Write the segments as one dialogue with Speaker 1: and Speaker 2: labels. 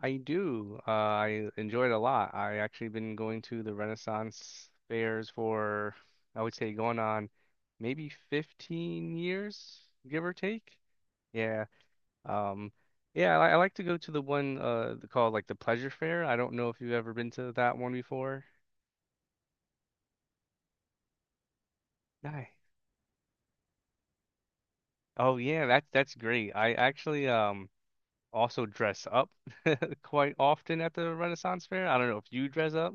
Speaker 1: I do. I enjoy it a lot. I actually been going to the Renaissance fairs for, I would say, going on maybe 15 years, give or take. Yeah. Um, yeah, I like to go to the one called like the Pleasure Fair. I don't know if you've ever been to that one before. Nice. Oh yeah, that's great. I actually also dress up quite often at the Renaissance Fair. I don't know if you dress up.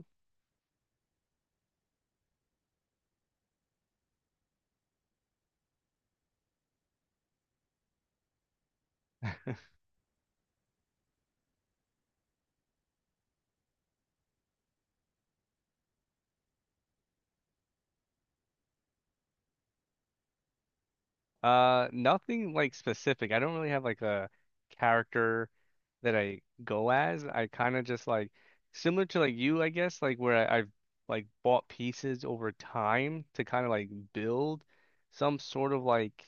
Speaker 1: Nothing like specific. I don't really have like a character that I go as. I kind of just like similar to like you, I guess, like where I've like bought pieces over time to kind of like build some sort of like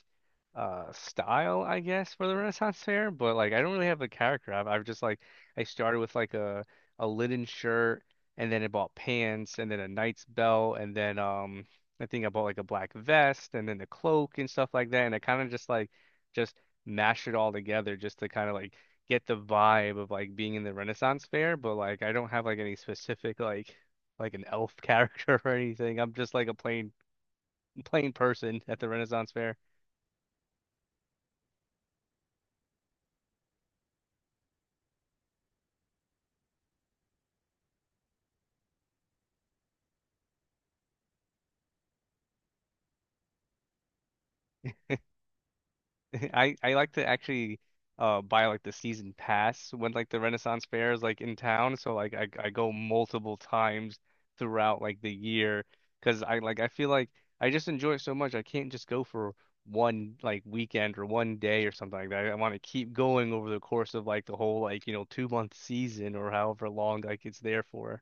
Speaker 1: style, I guess, for the Renaissance Fair. But like I don't really have a character. I've just like I started with like a linen shirt and then I bought pants and then a knight's belt and then I think I bought like a black vest and then the cloak and stuff like that. And I kind of just like just mashed it all together just to kind of like get the vibe of like being in the Renaissance fair. But like I don't have like any specific like an elf character or anything. I'm just like a plain person at the Renaissance fair. I like to actually buy like the season pass when like the Renaissance Fair is like in town, so like I go multiple times throughout like the year because I like I feel like I just enjoy it so much. I can't just go for one like weekend or one day or something like that. I, want to keep going over the course of like the whole like you know 2 month season or however long like it's there for.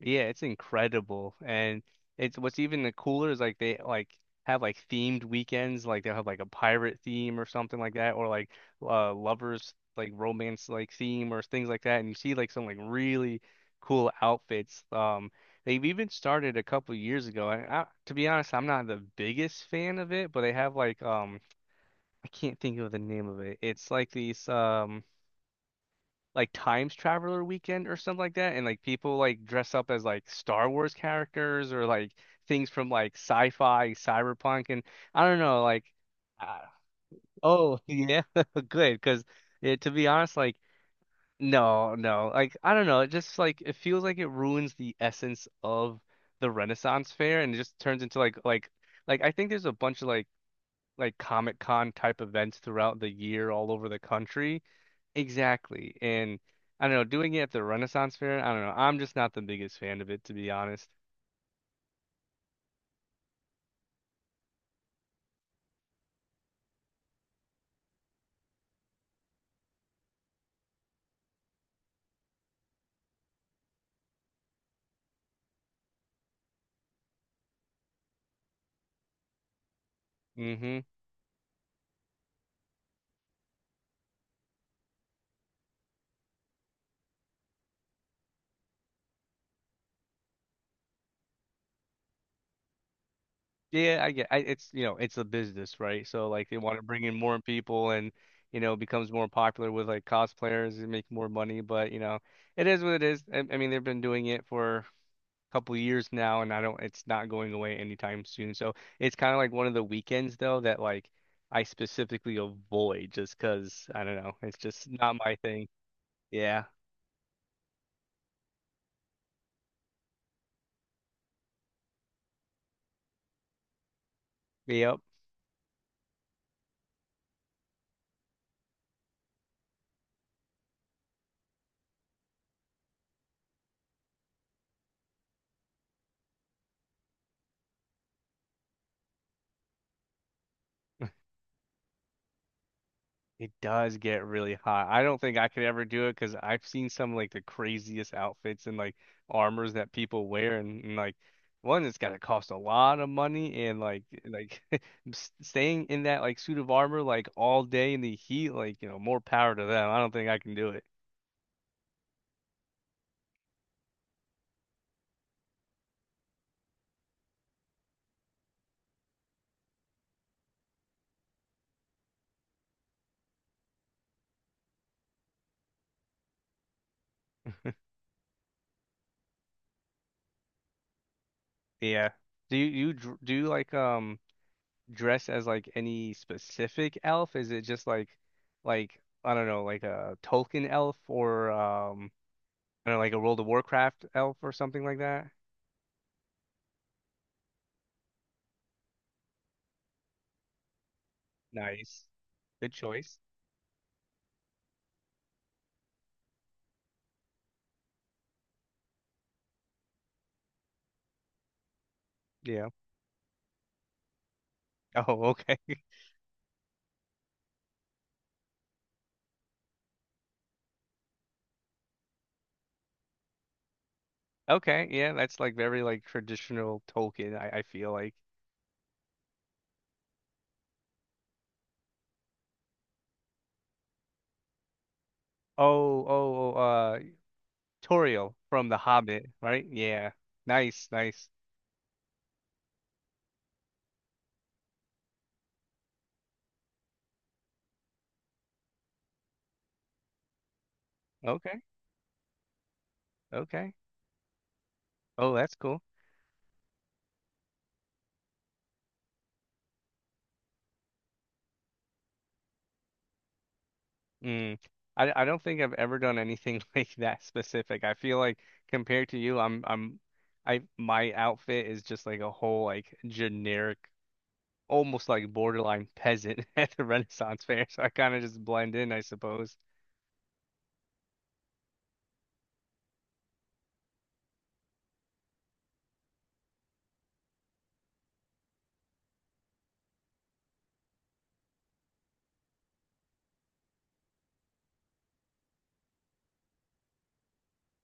Speaker 1: Yeah, it's incredible. And it's what's even the cooler is like they like have like themed weekends, like they'll have like a pirate theme or something like that, or like lovers like romance like theme or things like that. And you see like some like really cool outfits. They've even started a couple years ago. And I, to be honest, I'm not the biggest fan of it, but they have like I can't think of the name of it. It's like these like Times Traveler Weekend or something like that, and like people like dress up as like Star Wars characters or like things from like sci-fi, cyberpunk, and I don't know, like, uh, oh yeah, good, because yeah, to be honest, like no, no, like I don't know, it just like it feels like it ruins the essence of the Renaissance Fair and it just turns into like I think there's a bunch of like Comic Con type events throughout the year all over the country. Exactly. And I don't know, doing it at the Renaissance Fair, I don't know. I'm just not the biggest fan of it, to be honest. Hmm. Yeah, I get I, it's you know, it's a business, right? So like they want to bring in more people and you know, becomes more popular with like cosplayers and make more money, but you know, it is what it is. I mean, they've been doing it for a couple of years now and I don't it's not going away anytime soon. So it's kind of like one of the weekends though that like I specifically avoid just 'cause I don't know, it's just not my thing. Yeah. Yep. It does get really hot. I don't think I could ever do it because I've seen some like the craziest outfits and like armors that people wear and like one it's gotta cost a lot of money and like s- staying in that like suit of armor like all day in the heat like you know more power to them. I don't think I can do it. Yeah. Do you, do you like dress as like any specific elf? Is it just like I don't know like a Tolkien elf or kind of like a World of Warcraft elf or something like that. Nice. Good choice. Yeah. Oh, okay. Okay. Yeah, that's like very like traditional Tolkien, I feel like. Oh, oh, oh, uh, Toriel from The Hobbit, right? Yeah. Nice, nice. Okay. Okay. Oh, that's cool. Mm. I don't think I've ever done anything like that specific. I feel like compared to you, I'm I my outfit is just like a whole like generic almost like borderline peasant at the Renaissance fair, so I kind of just blend in, I suppose.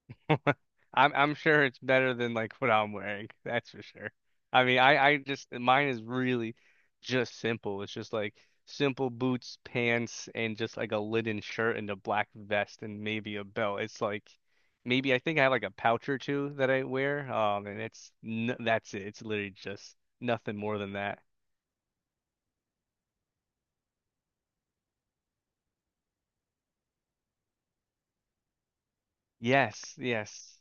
Speaker 1: I'm sure it's better than like what I'm wearing, that's for sure. I mean, I just mine is really just simple. It's just like simple boots, pants, and just like a linen shirt and a black vest and maybe a belt. It's like maybe I think I have like a pouch or two that I wear, and it's n that's it. It's literally just nothing more than that. Yes, yes.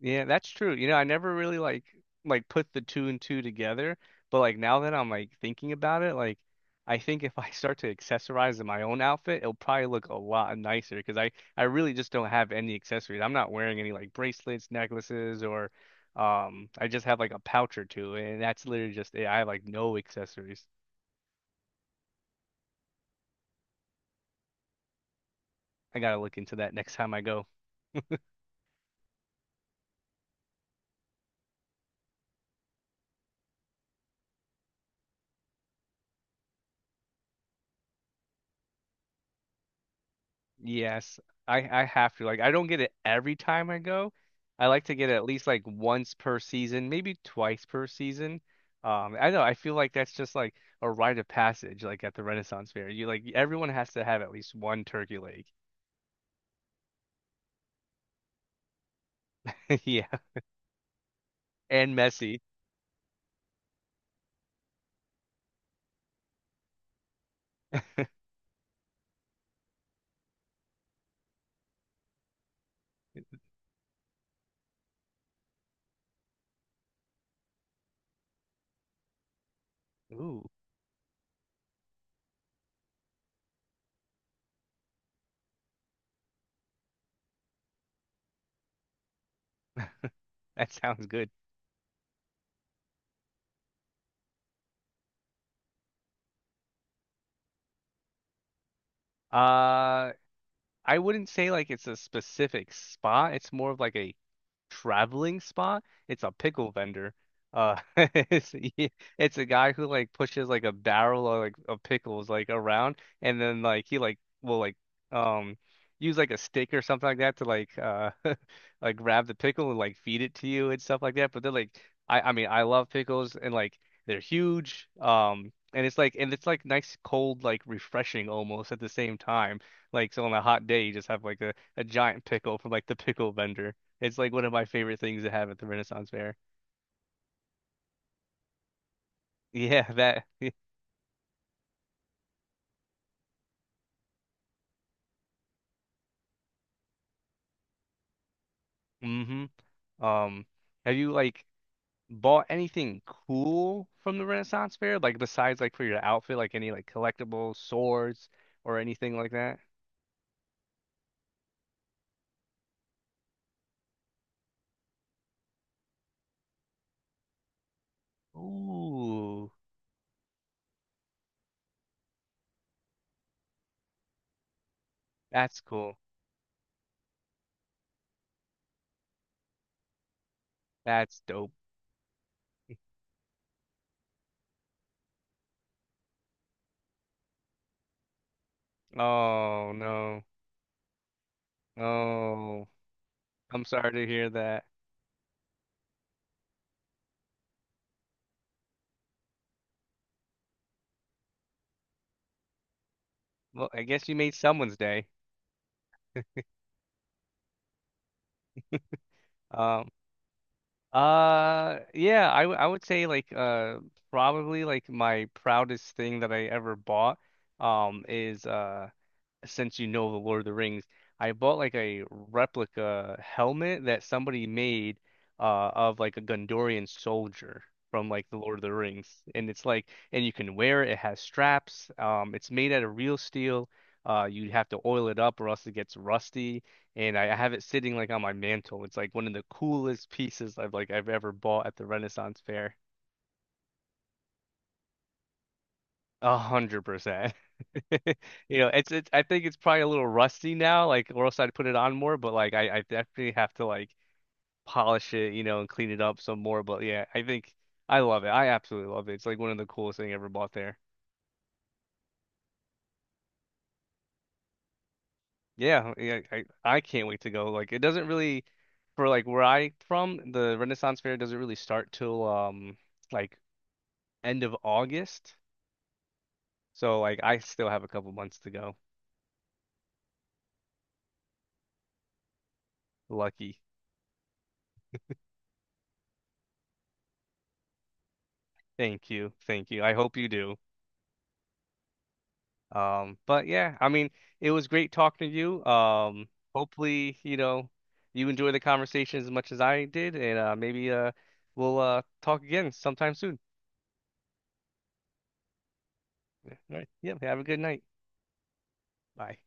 Speaker 1: Yeah, that's true. You know, I never really like put the two and two together, but like now that I'm like thinking about it, like I think if I start to accessorize in my own outfit, it'll probably look a lot nicer because I really just don't have any accessories. I'm not wearing any like bracelets, necklaces, or I just have like a pouch or two, and that's literally just it. I have like no accessories. I gotta look into that next time I go. Yes, I have to. Like I don't get it every time I go. I like to get it at least like once per season, maybe twice per season. I know I feel like that's just like a rite of passage, like at the Renaissance Fair. You like everyone has to have at least one turkey leg. Yeah, and messy. Ooh, that sounds good. Uh, I wouldn't say like it's a specific spot. It's more of like a traveling spot. It's a pickle vendor. It's, yeah, it's a guy who like pushes like a barrel of like of pickles like around, and then like he like will like um use like a stick or something like that to like like grab the pickle and like feed it to you and stuff like that. But they're like I mean I love pickles and like they're huge. And it's like nice, cold, like refreshing almost at the same time. Like, so on a hot day, you just have like a giant pickle from like the pickle vendor. It's like one of my favorite things to have at the Renaissance Fair. Yeah, that. Hmm. Um, have you like bought anything cool from the Renaissance Fair? Like besides like for your outfit, like any like collectibles, swords, or anything like that? Ooh, that's cool. That's dope. Oh no. Oh, I'm sorry to hear that. Well, I guess you made someone's day. Um. Yeah, I would say like probably like my proudest thing that I ever bought is since you know the Lord of the Rings, I bought like a replica helmet that somebody made of like a Gondorian soldier from like the Lord of the Rings, and it's like, and you can wear it. It has straps. It's made out of real steel. You have to oil it up or else it gets rusty. And I have it sitting like on my mantle. It's like one of the coolest pieces I've ever bought at the Renaissance Fair. 100%. You know, it's I think it's probably a little rusty now, like or else I'd put it on more, but like I definitely have to like polish it, you know, and clean it up some more. But yeah, I think I love it. I absolutely love it. It's like one of the coolest thing I ever bought there. Yeah, yeah, I can't wait to go. Like it doesn't really for like where I from, the Renaissance Fair doesn't really start till like end of August. So like I still have a couple months to go. Lucky. Thank you. Thank you. I hope you do. But yeah, I mean, it was great talking to you. Hopefully, you know, you enjoy the conversation as much as I did, and maybe we'll talk again sometime soon. All right. Yeah, have a good night. Bye.